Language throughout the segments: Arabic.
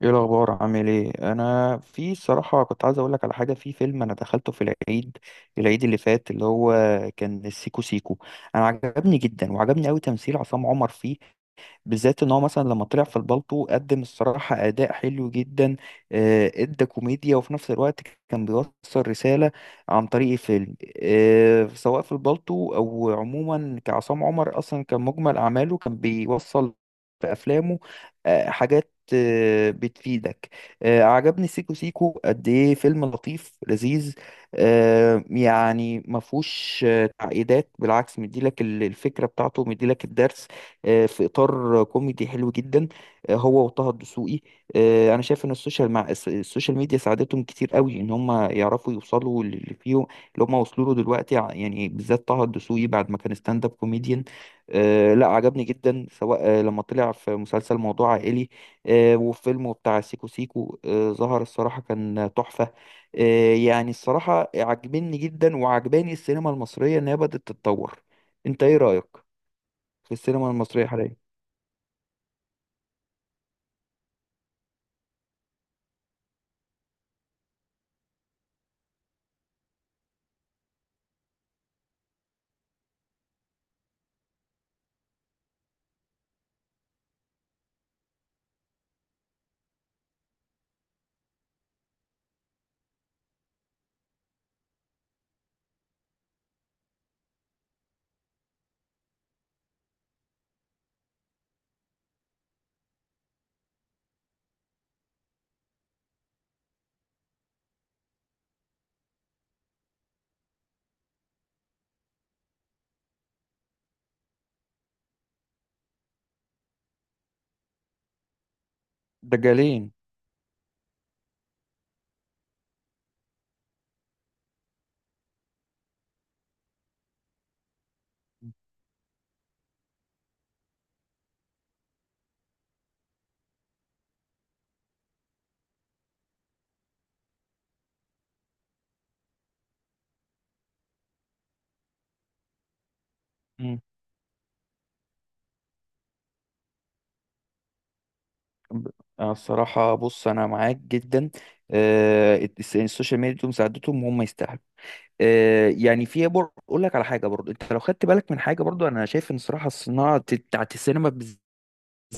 ايه الاخبار عامل ايه؟ انا في الصراحه كنت عايز اقول لك على حاجه في فيلم انا دخلته في العيد العيد اللي فات، اللي هو كان السيكو سيكو. انا عجبني جدا وعجبني قوي تمثيل عصام عمر فيه، بالذات ان هو مثلا لما طلع في البالطو قدم الصراحه اداء حلو جدا. ادى كوميديا وفي نفس الوقت كان بيوصل رساله عن طريق الفيلم. سواء في البالطو او عموما كعصام عمر اصلا كان مجمل اعماله كان بيوصل في افلامه حاجات بتفيدك. عجبني سيكو سيكو قد ايه فيلم لطيف لذيذ. يعني ما فيهوش تعقيدات، بالعكس مديلك الفكره بتاعته، مديلك الدرس في اطار كوميدي حلو جدا. هو وطه الدسوقي. انا شايف ان السوشيال مع السوشيال ميديا ساعدتهم كتير قوي ان هم يعرفوا يوصلوا للي فيهم اللي هم وصلوا له دلوقتي يعني بالذات طه الدسوقي بعد ما كان ستاند اب كوميديان. لا عجبني جدا، سواء لما طلع في مسلسل موضوع عائلي وفيلمه بتاع سيكو سيكو. ظهر الصراحة كان تحفة. يعني الصراحة عجبني جدا وعجباني السينما المصرية إنها بدأت تتطور. أنت إيه رأيك في السينما المصرية حاليا؟ دجالين. مم. ب- أنا الصراحة بص أنا معاك جدا. السوشيال ميديا دول مساعدتهم، هم يستاهلوا. يعني في أقول لك على حاجة برضو، أنت لو خدت بالك من حاجة، برضو أنا شايف إن صراحة صناعة بتاعت السينما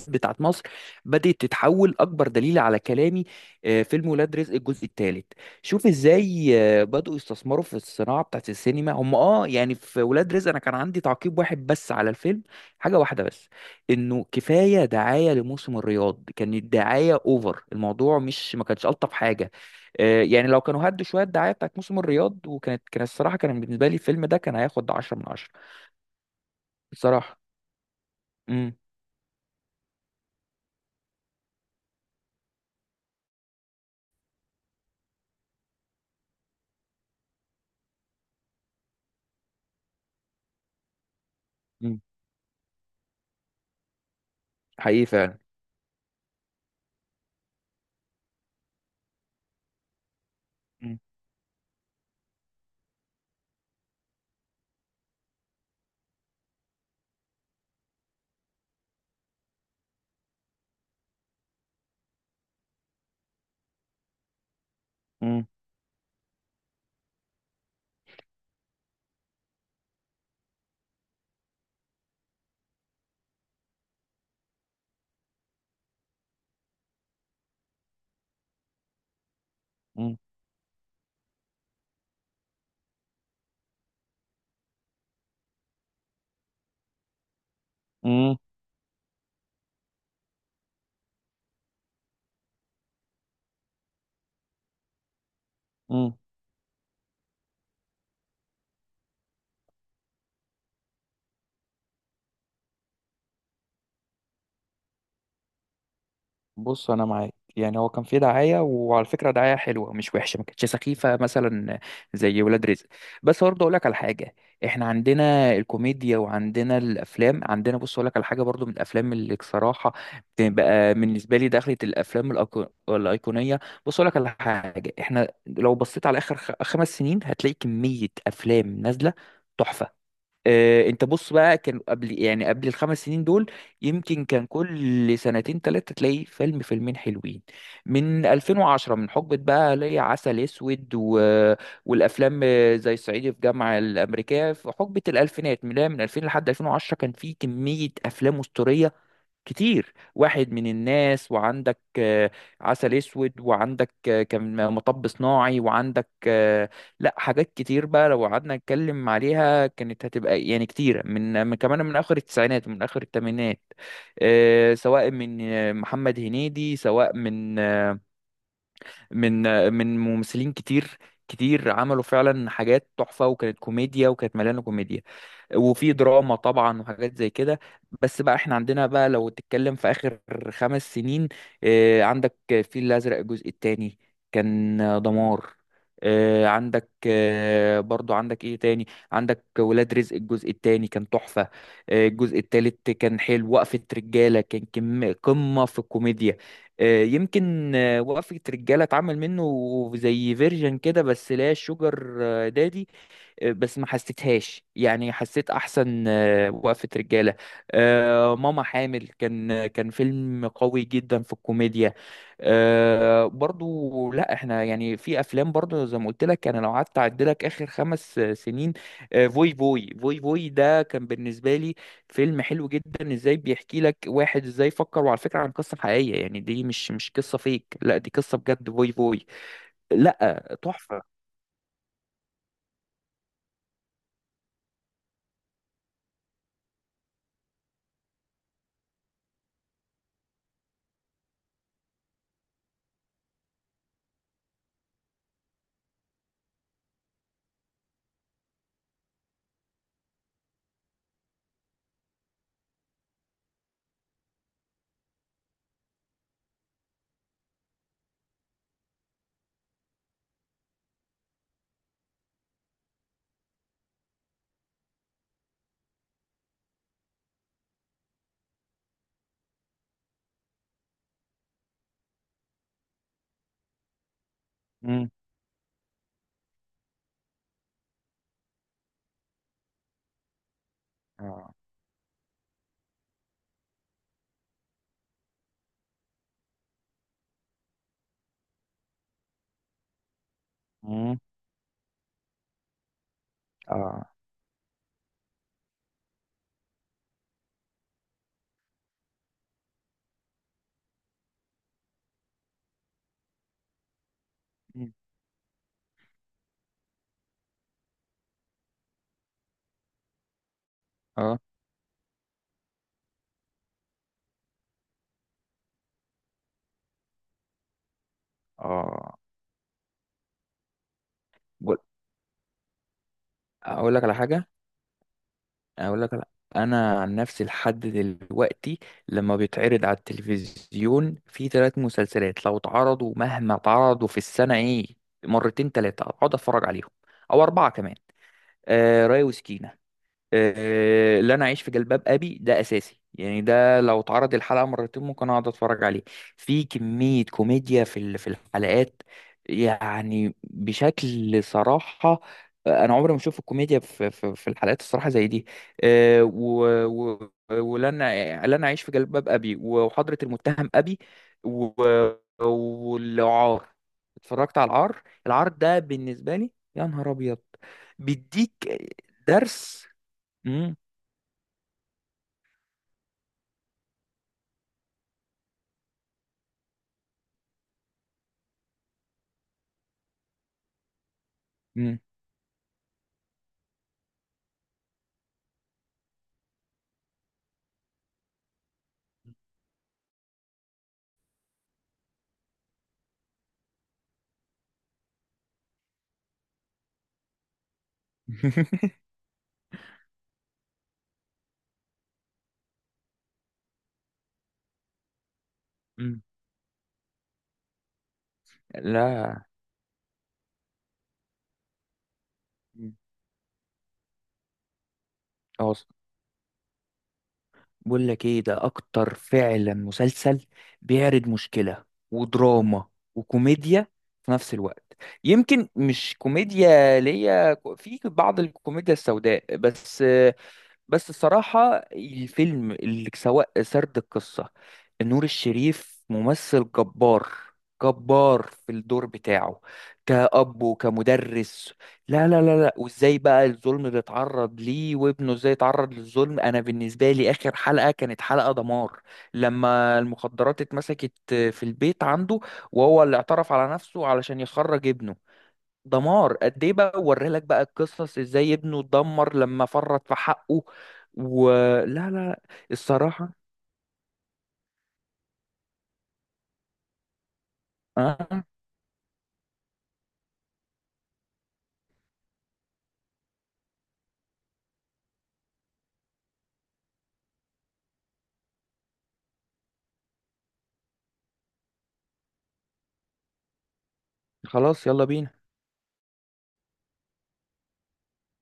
بتاعت مصر بدأت تتحول. أكبر دليل على كلامي فيلم ولاد رزق الجزء الثالث. شوف إزاي بدأوا يستثمروا في الصناعة بتاعت السينما هم. آه يعني في ولاد رزق أنا كان عندي تعقيب واحد بس على الفيلم، حاجة واحدة بس، إنه كفاية دعاية لموسم الرياض، كانت دعاية أوفر، الموضوع مش ما كانش ألطف حاجة. يعني لو كانوا هدوا شوية الدعاية بتاعت موسم الرياض وكانت كان الصراحة كان بالنسبة لي الفيلم ده كان هياخد 10 من 10 بصراحة. امم. امم. حقيقي فعلا. امم. امم. امم. امم. بص انا معاك، يعني هو كان في دعايه وعلى فكره دعايه حلوه مش وحشه، ما كانتش سخيفه مثلا زي ولاد رزق. بس برضه اقول لك على حاجه. احنا عندنا الكوميديا وعندنا الافلام، عندنا، بص اقول لك على حاجه برضه، من الافلام اللي بصراحه بتبقى بالنسبه لي دخلت الافلام الايقونيه. بص اقول لك على حاجه، احنا لو بصيت على اخر 5 سنين هتلاقي كميه افلام نازله تحفه. انت بص بقى، كان قبل يعني قبل الخمس سنين دول يمكن كان كل سنتين ثلاثة تلاقي فيلم فيلمين حلوين. من 2010 من حقبة بقى ليا عسل اسود و... والافلام زي الصعيدي في جامعة الامريكية في حقبة الالفينات من 2000 لحد 2010 كان في كمية افلام اسطورية كتير واحد من الناس. وعندك عسل اسود وعندك كان مطب صناعي وعندك لا حاجات كتير بقى لو قعدنا نتكلم عليها كانت هتبقى يعني كتيرة، من كمان من اخر التسعينات ومن اخر الثمانينات، سواء من محمد هنيدي سواء من من من ممثلين كتير كتير عملوا فعلا حاجات تحفة وكانت كوميديا وكانت مليانة كوميديا وفي دراما طبعا وحاجات زي كده. بس بقى احنا عندنا بقى لو تتكلم في اخر 5 سنين عندك الفيل الازرق الجزء الثاني، كان دمار. عندك برضو عندك ايه تاني، عندك ولاد رزق الجزء الثاني، كان تحفة. الجزء الثالث كان حلو. وقفة رجالة كان قمة في الكوميديا. يمكن وقفة رجالة اتعمل منه زي فيرجن كده بس لا شوجر دادي. بس ما حسيتهاش، يعني حسيت احسن وقفة رجالة. ماما حامل كان فيلم قوي جدا في الكوميديا. برضو لا احنا يعني في افلام برضو زي ما قلت لك، انا لو قعدت اعدلك اخر خمس سنين فوي فوي فوي فوي ده كان بالنسبة لي فيلم حلو جدا، ازاي بيحكي لك واحد ازاي فكر، وعلى فكرة عن قصة حقيقية، يعني دي مش قصة فيك، لا دي قصة بجد. فوي فوي، لا تحفة. مم. اه. مم. اه. اه. اه. بقول- اقول لك على حاجه. اقول لك على... انا عن نفسي لحد دلوقتي لما بيتعرض على التلفزيون في 3 مسلسلات لو اتعرضوا، مهما اتعرضوا في السنه ايه، مرتين ثلاثه اقعد اتفرج عليهم، او اربعه كمان. آه، راي وسكينه. لا انا اعيش في جلباب ابي ده اساسي، يعني ده لو اتعرض الحلقه مرتين ممكن اقعد اتفرج عليه. في كميه كوميديا في في الحلقات، يعني بشكل صراحه. انا عمري ما اشوف الكوميديا في الحلقات الصراحه زي دي. و و ولن، لن اعيش في جلباب ابي، وحضره المتهم ابي، و- والعار. اتفرجت على العار، العار ده بالنسبه لي يا نهار ابيض، بيديك درس. امم. امم. امم. لا. مم. أص- بقول لك ايه، ده اكتر فعلا مسلسل بيعرض مشكلة ودراما وكوميديا في نفس الوقت. يمكن مش كوميديا ليا، في بعض الكوميديا السوداء بس. بس الصراحة الفيلم اللي سواء سرد القصة. نور الشريف ممثل جبار، جبار في الدور بتاعه كأب وكمدرس. لا لا لا لا، وازاي بقى الظلم اللي اتعرض ليه، وابنه ازاي اتعرض للظلم. انا بالنسبة لي اخر حلقة كانت حلقة دمار، لما المخدرات اتمسكت في البيت عنده وهو اللي اعترف على نفسه علشان يخرج ابنه. دمار. قد ايه بقى وري لك بقى القصص، ازاي ابنه اتدمر لما فرط في حقه. ولا لا لا، الصراحة آه خلاص، يلا بينا.